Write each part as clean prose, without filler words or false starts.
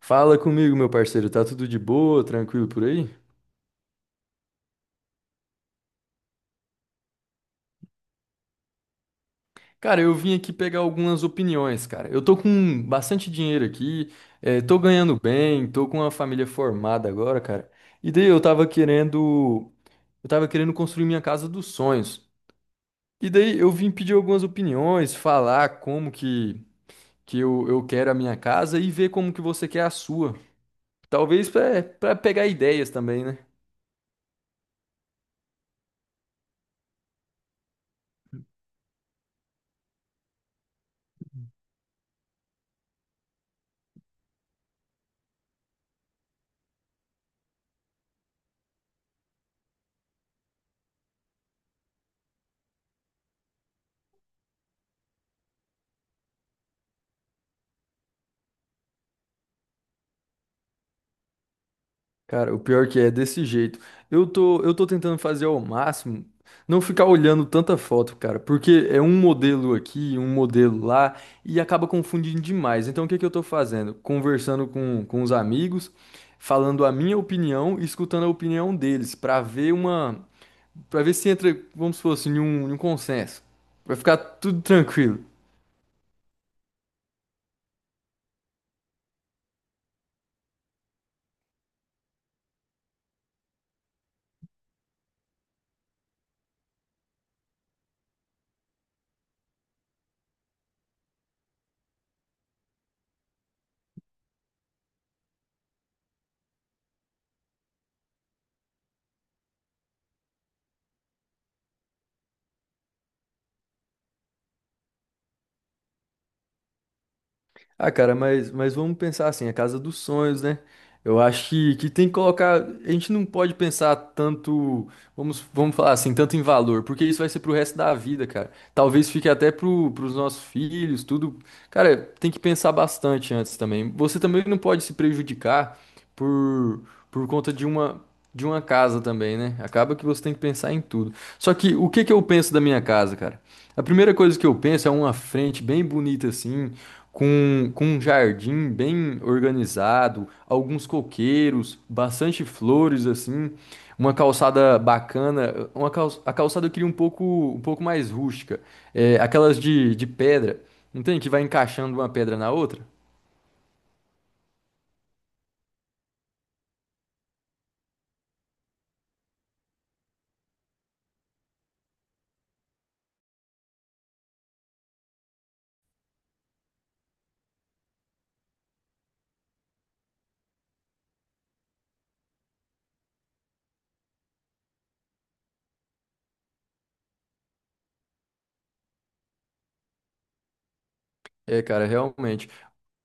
Fala comigo, meu parceiro. Tá tudo de boa, tranquilo por aí? Cara, eu vim aqui pegar algumas opiniões, cara. Eu tô com bastante dinheiro aqui, tô ganhando bem, tô com uma família formada agora, cara. E daí eu tava querendo construir minha casa dos sonhos. E daí eu vim pedir algumas opiniões, falar que eu quero a minha casa e ver como que você quer a sua. Talvez pra pegar ideias também, né? Cara, o pior que é desse jeito. Eu tô tentando fazer ao máximo não ficar olhando tanta foto, cara, porque é um modelo aqui, um modelo lá e acaba confundindo demais. Então, o que que eu tô fazendo? Conversando com os amigos, falando a minha opinião e escutando a opinião deles para ver se entra, vamos supor assim, em um consenso. Vai ficar tudo tranquilo. Ah, cara, mas vamos pensar assim, a casa dos sonhos, né? Eu acho que tem que colocar. A gente não pode pensar tanto, vamos falar assim, tanto em valor, porque isso vai ser pro resto da vida, cara. Talvez fique até pro, pros nossos filhos, tudo. Cara, tem que pensar bastante antes também. Você também não pode se prejudicar por, por conta de uma casa também, né? Acaba que você tem que pensar em tudo. Só que o que que eu penso da minha casa, cara? A primeira coisa que eu penso é uma frente bem bonita assim com um jardim bem organizado, alguns coqueiros, bastante flores assim, uma calçada bacana, a calçada eu queria um pouco mais rústica, é, aquelas de pedra, não tem que vai encaixando uma pedra na outra? É, cara, realmente.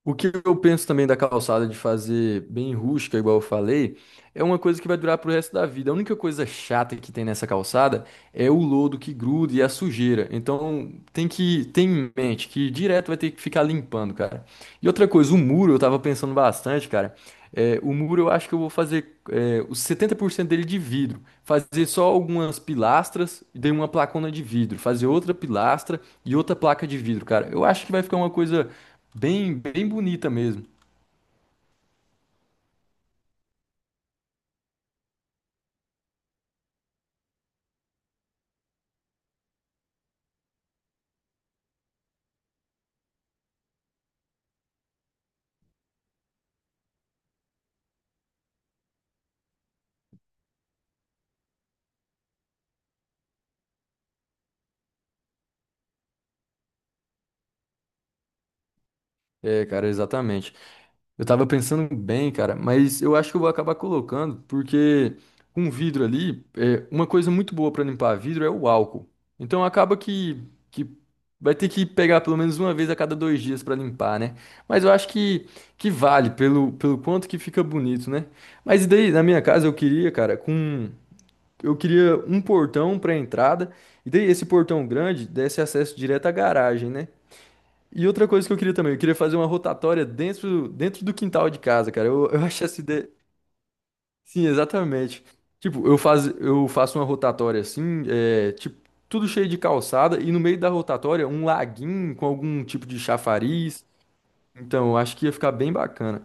O que eu penso também da calçada de fazer bem rústica, igual eu falei, é uma coisa que vai durar pro resto da vida. A única coisa chata que tem nessa calçada é o lodo que gruda e a sujeira. Então tem que ter em mente que direto vai ter que ficar limpando, cara. E outra coisa, o muro eu tava pensando bastante, cara. É, o muro eu acho que eu vou fazer é, os 70% dele de vidro. Fazer só algumas pilastras e daí uma placona de vidro. Fazer outra pilastra e outra placa de vidro, cara. Eu acho que vai ficar uma coisa bem bonita mesmo. É, cara, exatamente. Eu tava pensando bem, cara, mas eu acho que eu vou acabar colocando, porque com vidro ali, é, uma coisa muito boa pra limpar vidro é o álcool. Então acaba que vai ter que pegar pelo menos uma vez a cada 2 dias pra limpar, né? Mas eu acho que vale pelo quanto que fica bonito, né? Mas e daí, na minha casa, eu queria, cara, com. Eu queria um portão pra entrada, e daí esse portão grande desse acesso direto à garagem, né? E outra coisa que eu queria também, eu queria fazer uma rotatória dentro do quintal de casa, cara. Eu acho essa ideia. Sim, exatamente. Tipo, eu faço uma rotatória assim, é, tipo, tudo cheio de calçada, e no meio da rotatória, um laguinho com algum tipo de chafariz. Então, eu acho que ia ficar bem bacana.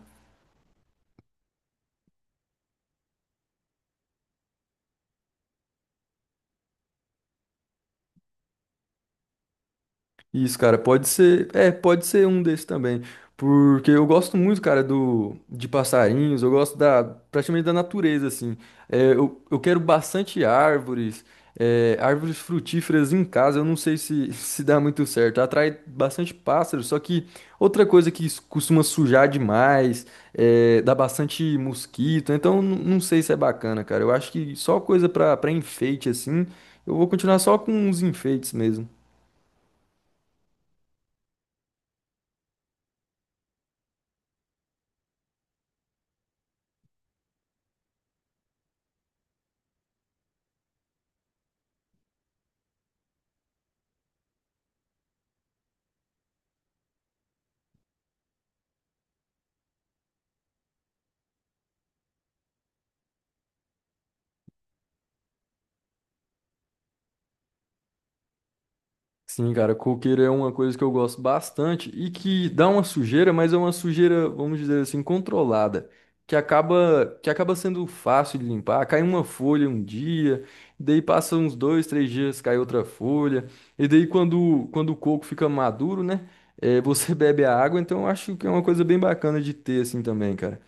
Isso, cara, pode ser, é, pode ser um desses também, porque eu gosto muito, cara, do de passarinhos, eu gosto da praticamente da natureza, assim. É, eu quero bastante árvores, é, árvores frutíferas em casa. Eu não sei se se dá muito certo. Atrai bastante pássaros, só que outra coisa que costuma sujar demais, é, dá bastante mosquito. Então, não sei se é bacana, cara. Eu acho que só coisa pra para enfeite, assim. Eu vou continuar só com os enfeites mesmo. Sim, cara, coqueiro é uma coisa que eu gosto bastante e que dá uma sujeira, mas é uma sujeira, vamos dizer assim, controlada, que acaba sendo fácil de limpar. Cai uma folha um dia, daí passa uns 2, 3 dias, cai outra folha, e daí quando o coco fica maduro, né, é, você bebe a água, então eu acho que é uma coisa bem bacana de ter assim também, cara.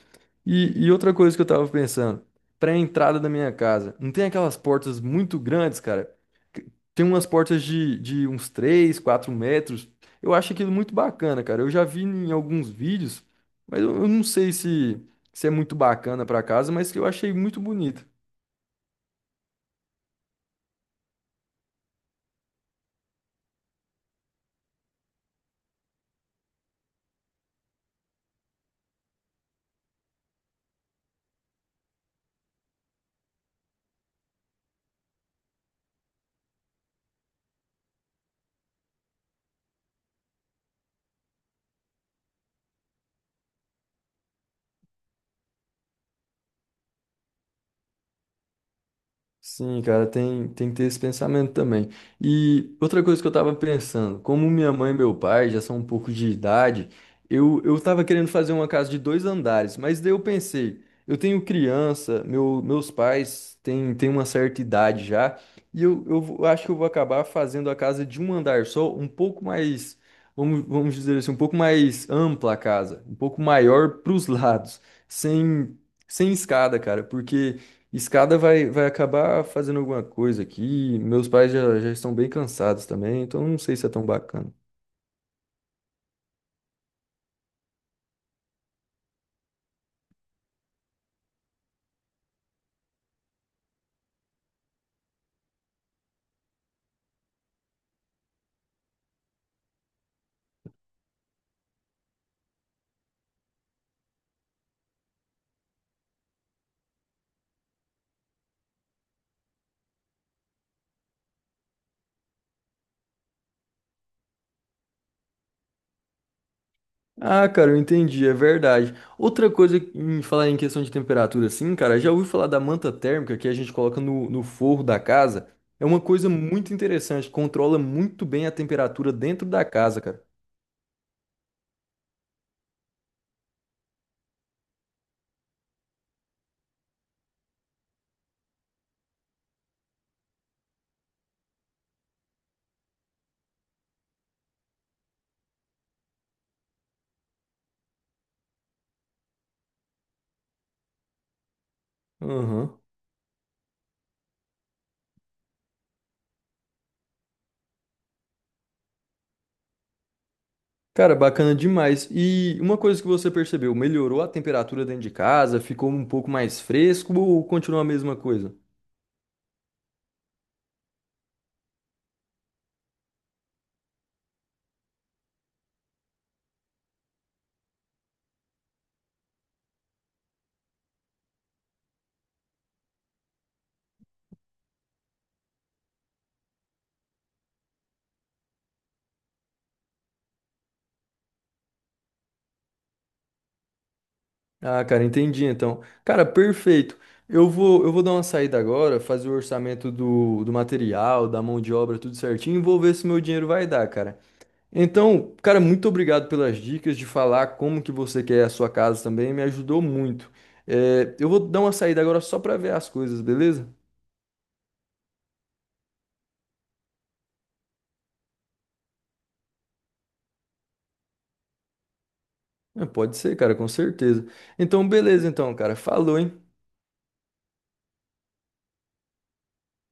E outra coisa que eu tava pensando, pra entrada da minha casa, não tem aquelas portas muito grandes, cara? Que- Tem umas portas de uns 3, 4 metros. Eu acho aquilo muito bacana, cara. Eu já vi em alguns vídeos, mas eu não sei se é muito bacana pra casa, mas que eu achei muito bonito. Sim, cara, tem que ter esse pensamento também. E outra coisa que eu tava pensando, como minha mãe e meu pai já são um pouco de idade, eu tava querendo fazer uma casa de 2 andares, mas daí eu pensei, eu tenho criança, meu, meus pais têm uma certa idade já, e eu acho que eu vou acabar fazendo a casa de um andar só, um pouco mais, vamos dizer assim, um pouco mais ampla a casa, um pouco maior pros lados, sem, sem escada, cara, porque. Escada vai acabar fazendo alguma coisa aqui. Meus pais já estão bem cansados também, então não sei se é tão bacana. Ah, cara, eu entendi, é verdade. Outra coisa em falar em questão de temperatura, assim, cara, já ouvi falar da manta térmica que a gente coloca no forro da casa. É uma coisa muito interessante, controla muito bem a temperatura dentro da casa, cara. Aham. Cara, bacana demais. E uma coisa que você percebeu, melhorou a temperatura dentro de casa? Ficou um pouco mais fresco ou continua a mesma coisa? Ah, cara, entendi então. Cara, perfeito. Eu vou dar uma saída agora, fazer o orçamento do material, da mão de obra, tudo certinho, e vou ver se meu dinheiro vai dar, cara. Então, cara, muito obrigado pelas dicas de falar como que você quer a sua casa também, me ajudou muito. É, eu vou dar uma saída agora só pra ver as coisas, beleza? É, pode ser, cara, com certeza. Então, beleza então, cara. Falou, hein?